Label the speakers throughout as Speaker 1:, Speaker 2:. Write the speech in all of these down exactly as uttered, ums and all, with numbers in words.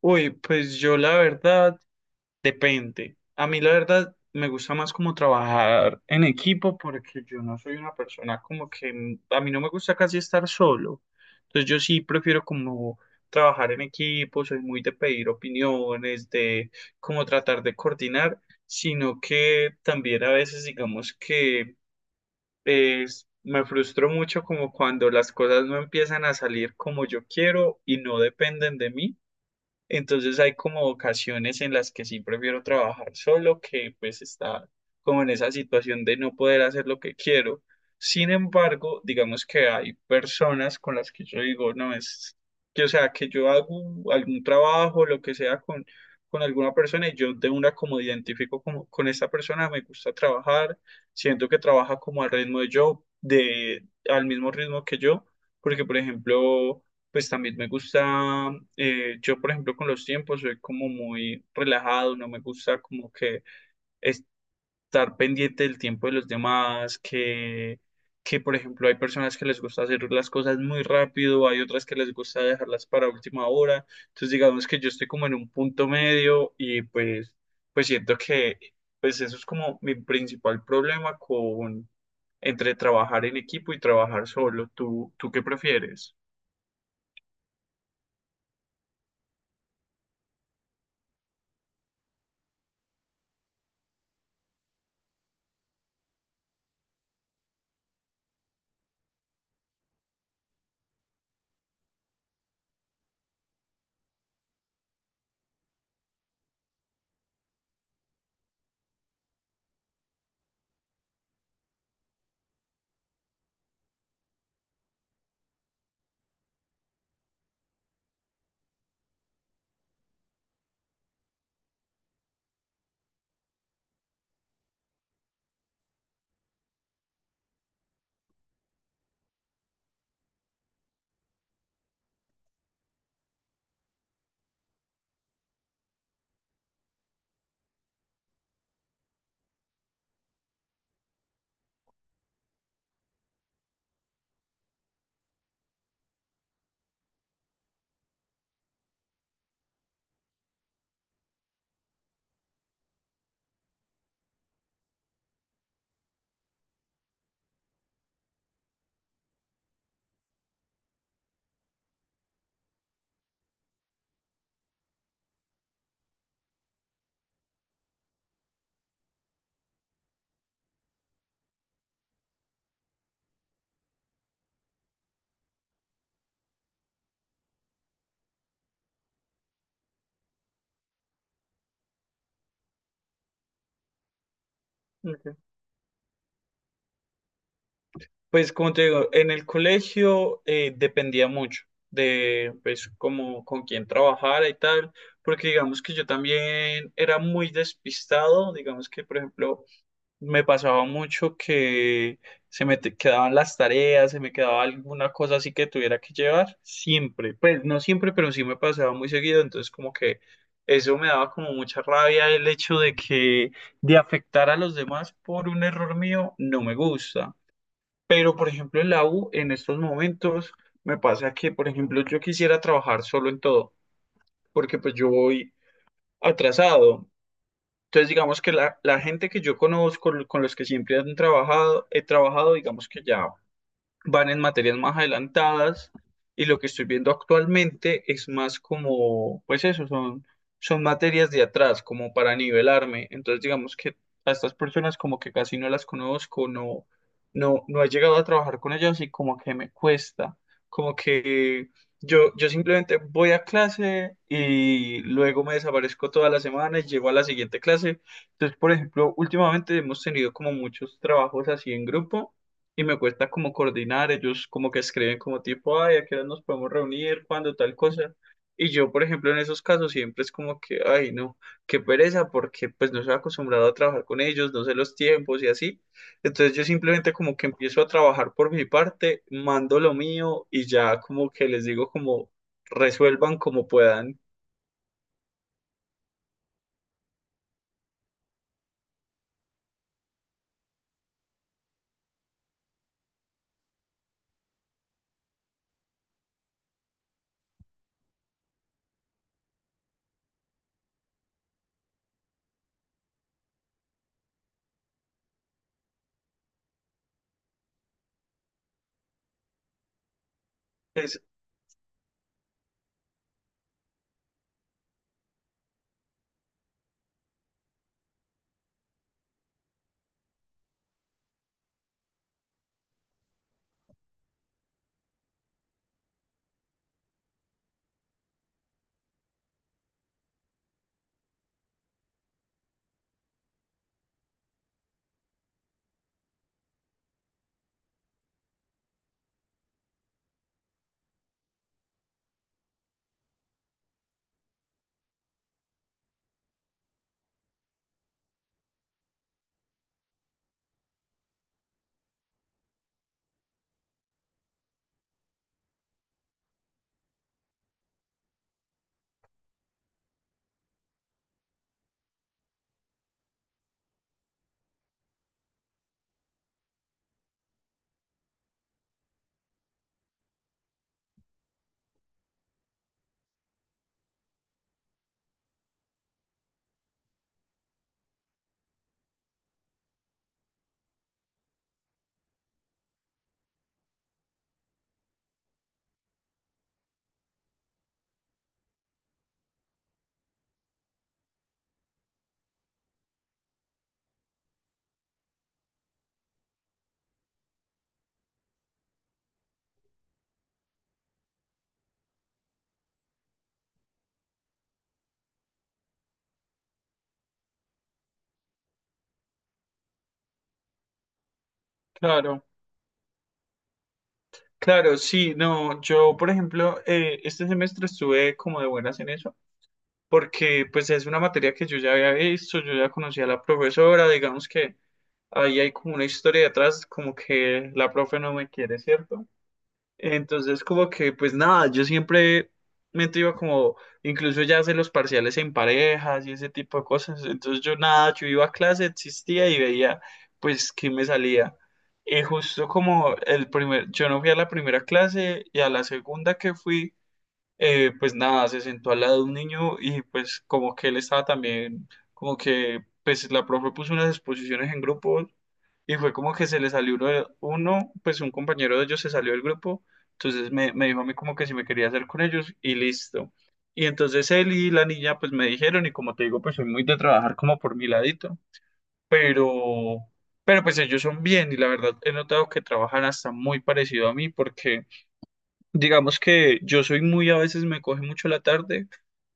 Speaker 1: Uy, pues yo la verdad, depende. A mí la verdad me gusta más como trabajar en equipo porque yo no soy una persona como que mm, a mí no me gusta casi estar solo. Entonces yo sí prefiero como trabajar en equipo, soy muy de pedir opiniones, de como tratar de coordinar, sino que también a veces digamos que es- me frustro mucho como cuando las cosas no empiezan a salir como yo quiero y no dependen de mí, entonces hay como ocasiones en las que sí prefiero trabajar solo que pues está como en esa situación de no poder hacer lo que quiero. Sin embargo, digamos que hay personas con las que yo digo, no es que, o sea, que yo hago algún trabajo, lo que sea con, con alguna persona y yo de una como identifico como con esta persona, me gusta trabajar, siento que trabaja como al ritmo de yo, de, al mismo ritmo que yo, porque por ejemplo pues también me gusta, eh, yo por ejemplo con los tiempos soy como muy relajado, no me gusta como que estar pendiente del tiempo de los demás, que, que por ejemplo hay personas que les gusta hacer las cosas muy rápido, hay otras que les gusta dejarlas para última hora, entonces digamos que yo estoy como en un punto medio y pues, pues siento que pues eso es como mi principal problema con entre trabajar en equipo y trabajar solo. ¿Tú, tú qué prefieres? Pues como te digo, en el colegio eh, dependía mucho de pues como con quién trabajara y tal, porque digamos que yo también era muy despistado, digamos que por ejemplo me pasaba mucho que se me te- quedaban las tareas, se me quedaba alguna cosa así que tuviera que llevar, siempre, pues no siempre, pero sí me pasaba muy seguido, entonces como que eso me daba como mucha rabia el hecho de que de afectar a los demás por un error mío no me gusta. Pero, por ejemplo, en la U, en estos momentos, me pasa que, por ejemplo, yo quisiera trabajar solo en todo, porque pues yo voy atrasado. Entonces, digamos que la, la gente que yo conozco, lo- con los que siempre han trabajado, he trabajado, digamos que ya van en materias más adelantadas y lo que estoy viendo actualmente es más como, pues eso, son, son materias de atrás, como para nivelarme. Entonces, digamos que a estas personas como que casi no las conozco, no, no, no he llegado a trabajar con ellas y como que me cuesta, como que yo, yo simplemente voy a clase y luego me desaparezco toda la semana y llego a la siguiente clase. Entonces, por ejemplo, últimamente hemos tenido como muchos trabajos así en grupo y me cuesta como coordinar, ellos como que escriben como tipo, ay, ¿a qué hora nos podemos reunir? ¿Cuándo? Tal cosa. Y yo, por ejemplo, en esos casos siempre es como que, ay, no, qué pereza, porque pues no estoy acostumbrado a trabajar con ellos, no sé los tiempos y así. Entonces yo simplemente como que empiezo a trabajar por mi parte, mando lo mío y ya como que les digo como resuelvan como puedan. Es, claro, claro, sí, no, yo, por ejemplo, eh, este semestre estuve como de buenas en eso porque pues es una materia que yo ya había visto, yo ya conocía a la profesora, digamos que ahí hay como una historia detrás, como que la profe no me quiere, ¿cierto? Entonces como que pues nada, yo siempre me iba como, incluso ya hacer los parciales en parejas y ese tipo de cosas, entonces yo nada, yo iba a clase, existía y veía pues qué me salía. Y justo como el primer, yo no fui a la primera clase y a la segunda que fui, eh, pues nada, se sentó al lado de un niño y pues como que él estaba también, como que pues la profe puso unas exposiciones en grupos y fue como que se le salió uno, de- uno, pues un compañero de ellos se salió del grupo, entonces me, me dijo a mí como que si me quería hacer con ellos y listo. Y entonces él y la niña pues me dijeron y como te digo pues soy muy de trabajar como por mi ladito, pero. Pero pues ellos son bien y la verdad he notado que trabajan hasta muy parecido a mí porque digamos que yo soy muy, a veces me coge mucho la tarde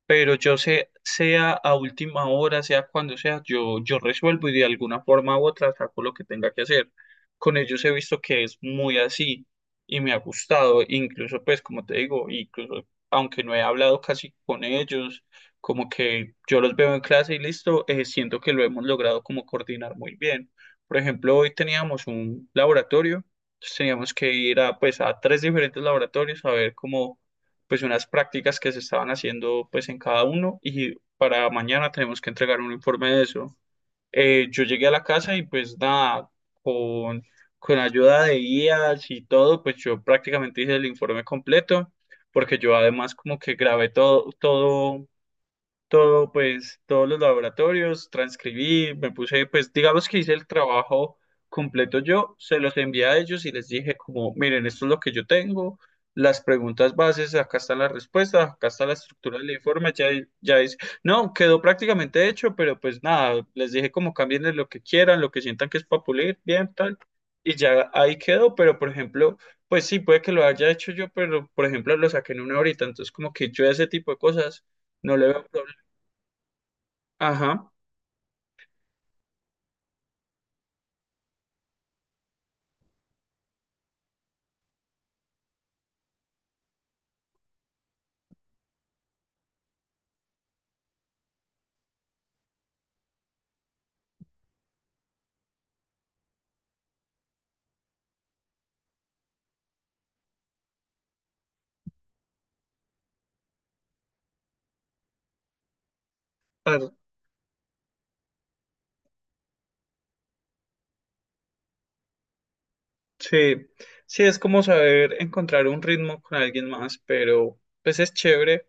Speaker 1: pero yo sé, sea a última hora, sea cuando sea, yo, yo resuelvo y de alguna forma u otra saco lo que tenga que hacer. Con ellos he visto que es muy así y me ha gustado, incluso pues como te digo, incluso aunque no he hablado casi con ellos, como que yo los veo en clase y listo, eh, siento que lo hemos logrado como coordinar muy bien. Por ejemplo, hoy teníamos un laboratorio, entonces teníamos que ir a pues a tres diferentes laboratorios a ver cómo pues unas prácticas que se estaban haciendo pues en cada uno y para mañana tenemos que entregar un informe de eso. Eh, yo llegué a la casa y pues nada, con, con ayuda de guías y todo, pues yo prácticamente hice el informe completo porque yo además como que grabé todo, todo todo, pues, todos los laboratorios, transcribí, me puse, pues, digamos que hice el trabajo completo yo, se los envié a ellos y les dije como, miren, esto es lo que yo tengo, las preguntas bases, acá están las respuestas, acá está la estructura del informe, ya, ya es, no, quedó prácticamente hecho, pero pues nada, les dije como cambien lo que quieran, lo que sientan que es para pulir, bien, tal, y ya ahí quedó, pero por ejemplo. Pues sí, puede que lo haya hecho yo, pero por ejemplo lo saqué en una horita, entonces como que yo ese tipo de cosas no le veo. Ajá, par- sí, sí es como saber encontrar un ritmo con alguien más, pero pues es chévere